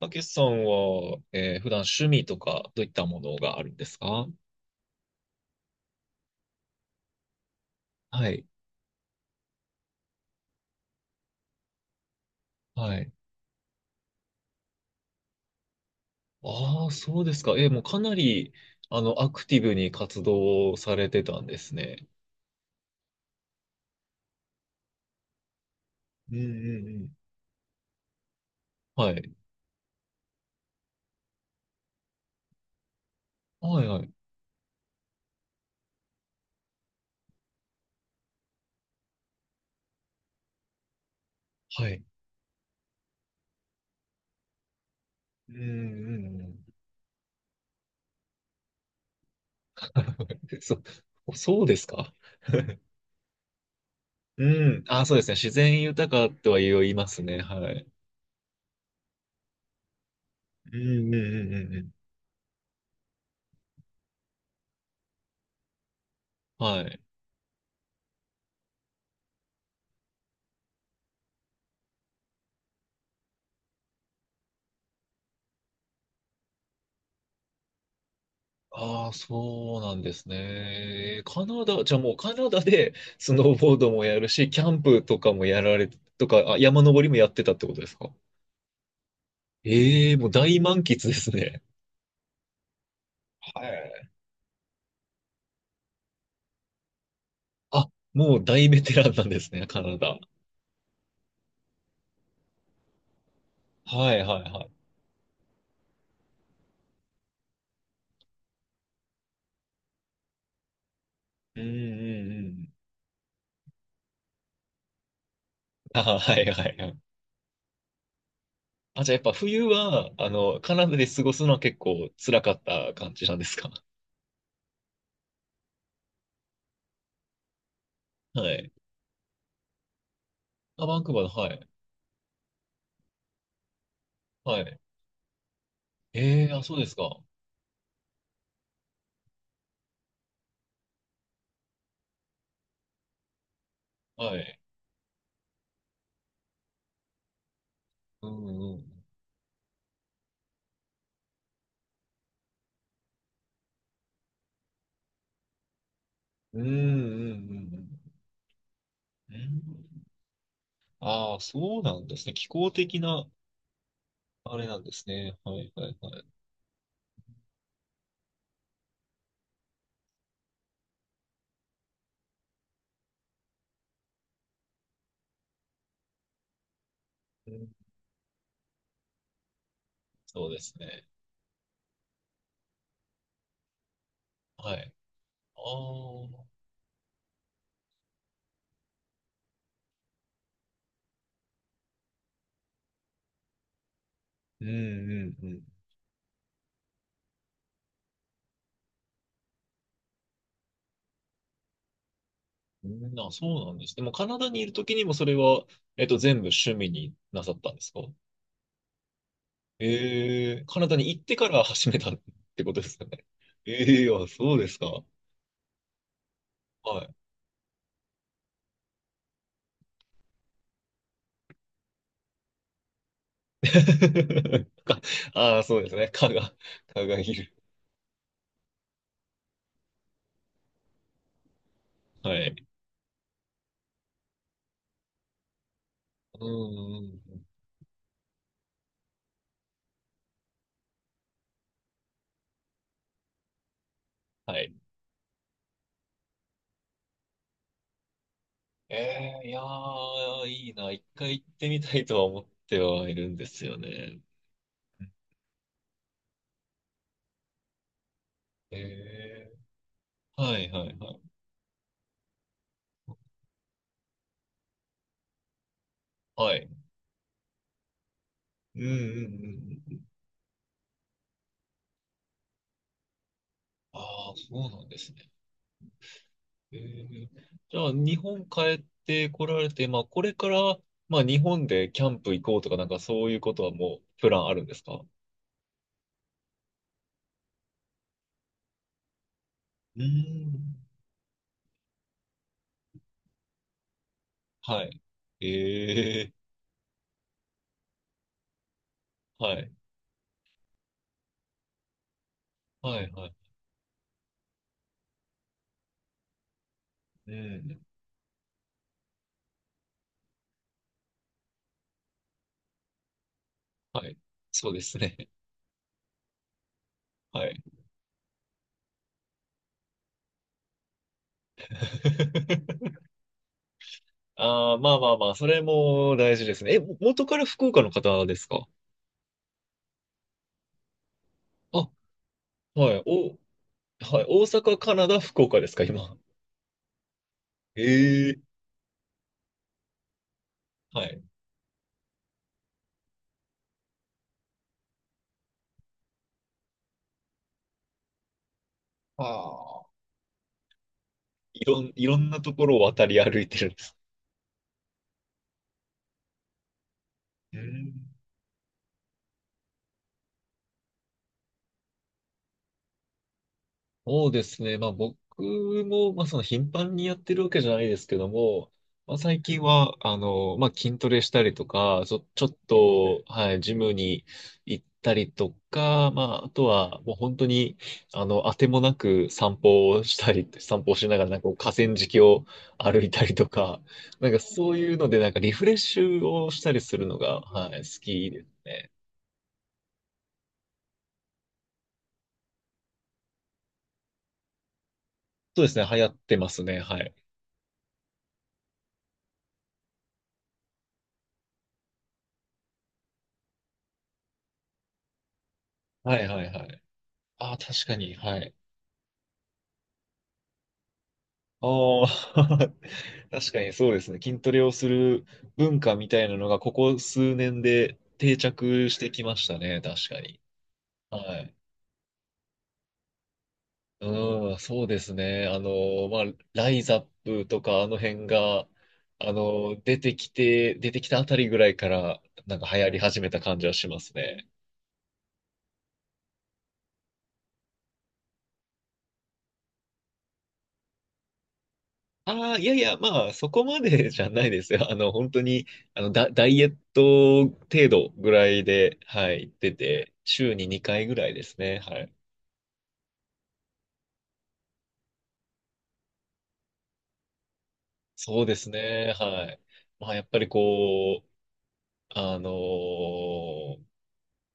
たけしさんは、普段趣味とかどういったものがあるんですか？はい。はい。ああ、そうですか。もうかなり、あの、アクティブに活動されてたんですね。うんうんうん。はい。はいはい。はい。うん。うんうん。そ、そうですか。うん。ああ、そうですね。自然豊かとは言いますね。はい。うん。ううんうんうんうん。はい。ああ、そうなんですね。カナダ、じゃあもうカナダでスノーボードもやるし、キャンプとかもやられ、とか、あ、山登りもやってたってことですか？ええー、もう大満喫ですね。はい。あ、もう大ベテランなんですね、カナダ。はいはいはい。うんうんうん。あ、はいはいはい。あ、じゃあやっぱ冬は、あの、カナダで過ごすのは結構辛かった感じなんですか？はい。あ、バンクーバーの、はい。はい。ええー、あ、そうですか。はい。うんうん。うん、うん、うん、うん。うん。ああ、そうなんですね。気候的な、あれなんですね。はい、はい、はい。うん。そうですね。はい。ああ、うん、うん、うん。うん。あ、そうなんです。でも、カナダにいるときにもそれは、えっと、全部趣味になさったんですか？ええ、カナダに行ってから始めたってことですよね。ええ、あ、そうですか。はい。か、ああ、そうですね。蚊が、蚊がいる。はい。うん、うんうん。はい。ええ、いやー、いいな。一回行ってみたいとは思ってはいるんですよね。ええ。はいはいはい。はい。うんうんうん。ああ、そうなんですね。ええ、じゃあ、日本帰ってこられて、まあ、これから、まあ、日本でキャンプ行こうとか、なんかそういうことはもう、プランあるんですか？うん。はい。ええ。はい。はいはい。うん。はい。そうですね。はい。ああ、まあまあまあ、それも大事ですね。も元から福岡の方ですか？あ、はい。お、はい。大阪、カナダ、福岡ですか、今。ええ。はい。ああ、いろんなところを渡り歩いてるんです。うん。そうですね。まあ僕も、まあその頻繁にやってるわけじゃないですけども、まあ最近は、あの、まあ筋トレしたりとか、ちょっと、はい、ジムに行ったりとか、まああとはもう本当に、あの、あてもなく散歩をしたり、散歩をしながらなんかこう河川敷を歩いたりとか、なんかそういうのでなんかリフレッシュをしたりするのが、はい、好きで。そうですね。流行ってますね。はい。はいはいはい。ああ、確かに。はい。ああ、確かにそうですね。筋トレをする文化みたいなのが、ここ数年で定着してきましたね。確かに。はい。うん、そうですね。あの、まあ、ライザップとか、あの辺が、あの、出てきて、出てきたあたりぐらいから、なんか流行り始めた感じはしますね。ああ、いやいや、まあ、そこまで じゃないですよ。あの、本当に、あの、ダイエット程度ぐらいで、はい、行ってて、週に2回ぐらいですね。はい。そうですね。はい。まあ、やっぱりこう、あのー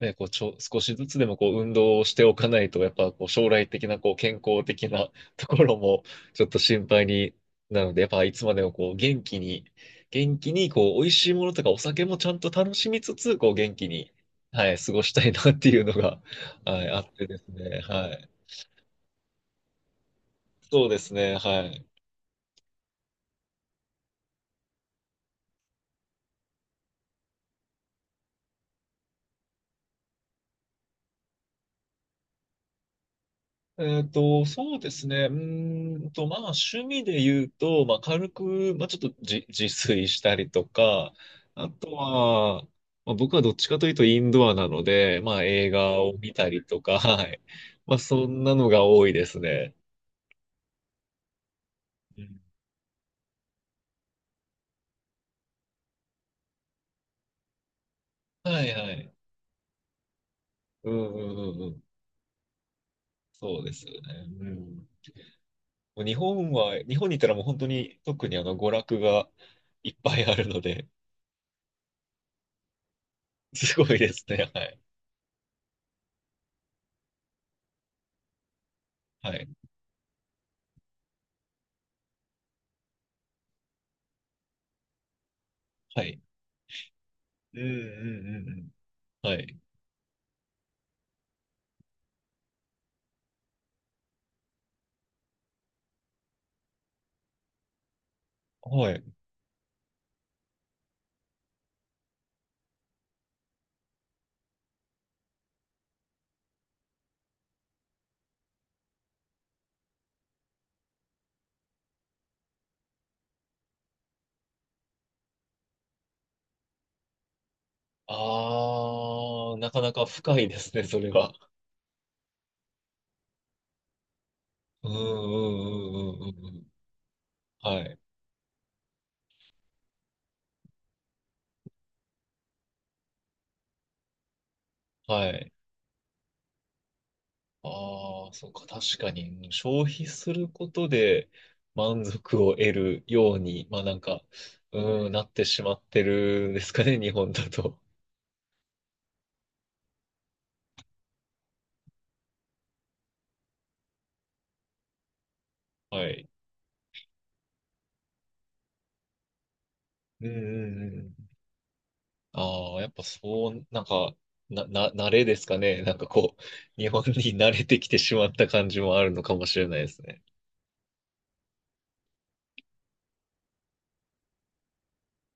ね、こう、少しずつでもこう、運動をしておかないと、やっぱこう、将来的なこう、健康的な ところも、ちょっと心配になるので、やっぱいつまでもこう、元気に、元気に、こう、美味しいものとかお酒もちゃんと楽しみつつ、こう、元気に、はい、過ごしたいなっていうのが、はい、あってですね、はい。そうですね、はい。えっと、そうですね。うーんと、まあ、趣味で言うと、まあ、軽く、まあ、ちょっと自炊したりとか、あとは、まあ、僕はどっちかというとインドアなので、まあ、映画を見たりとか、はい。まあ、そんなのが多いですね。うん。はいはい。うんうんうんうん。そうですよね。うん。もう日本は、日本にいたらもう本当に特にあの、娯楽がいっぱいあるので、すごいですね。はい。はい。はい。うんうんうんうん。はい。はい。ああ、なかなか深いですね、それは。うんうんうんうんうんうん。はい。はい。ああ、そうか、確かに、うん、消費することで満足を得るように、まあなんか、うん、なってしまってるんですかね、日本だと。はい。うんうんうん。ああ、やっぱそう、なんか、慣れですかね。なんかこう、日本に慣れてきてしまった感じもあるのかもしれないですね。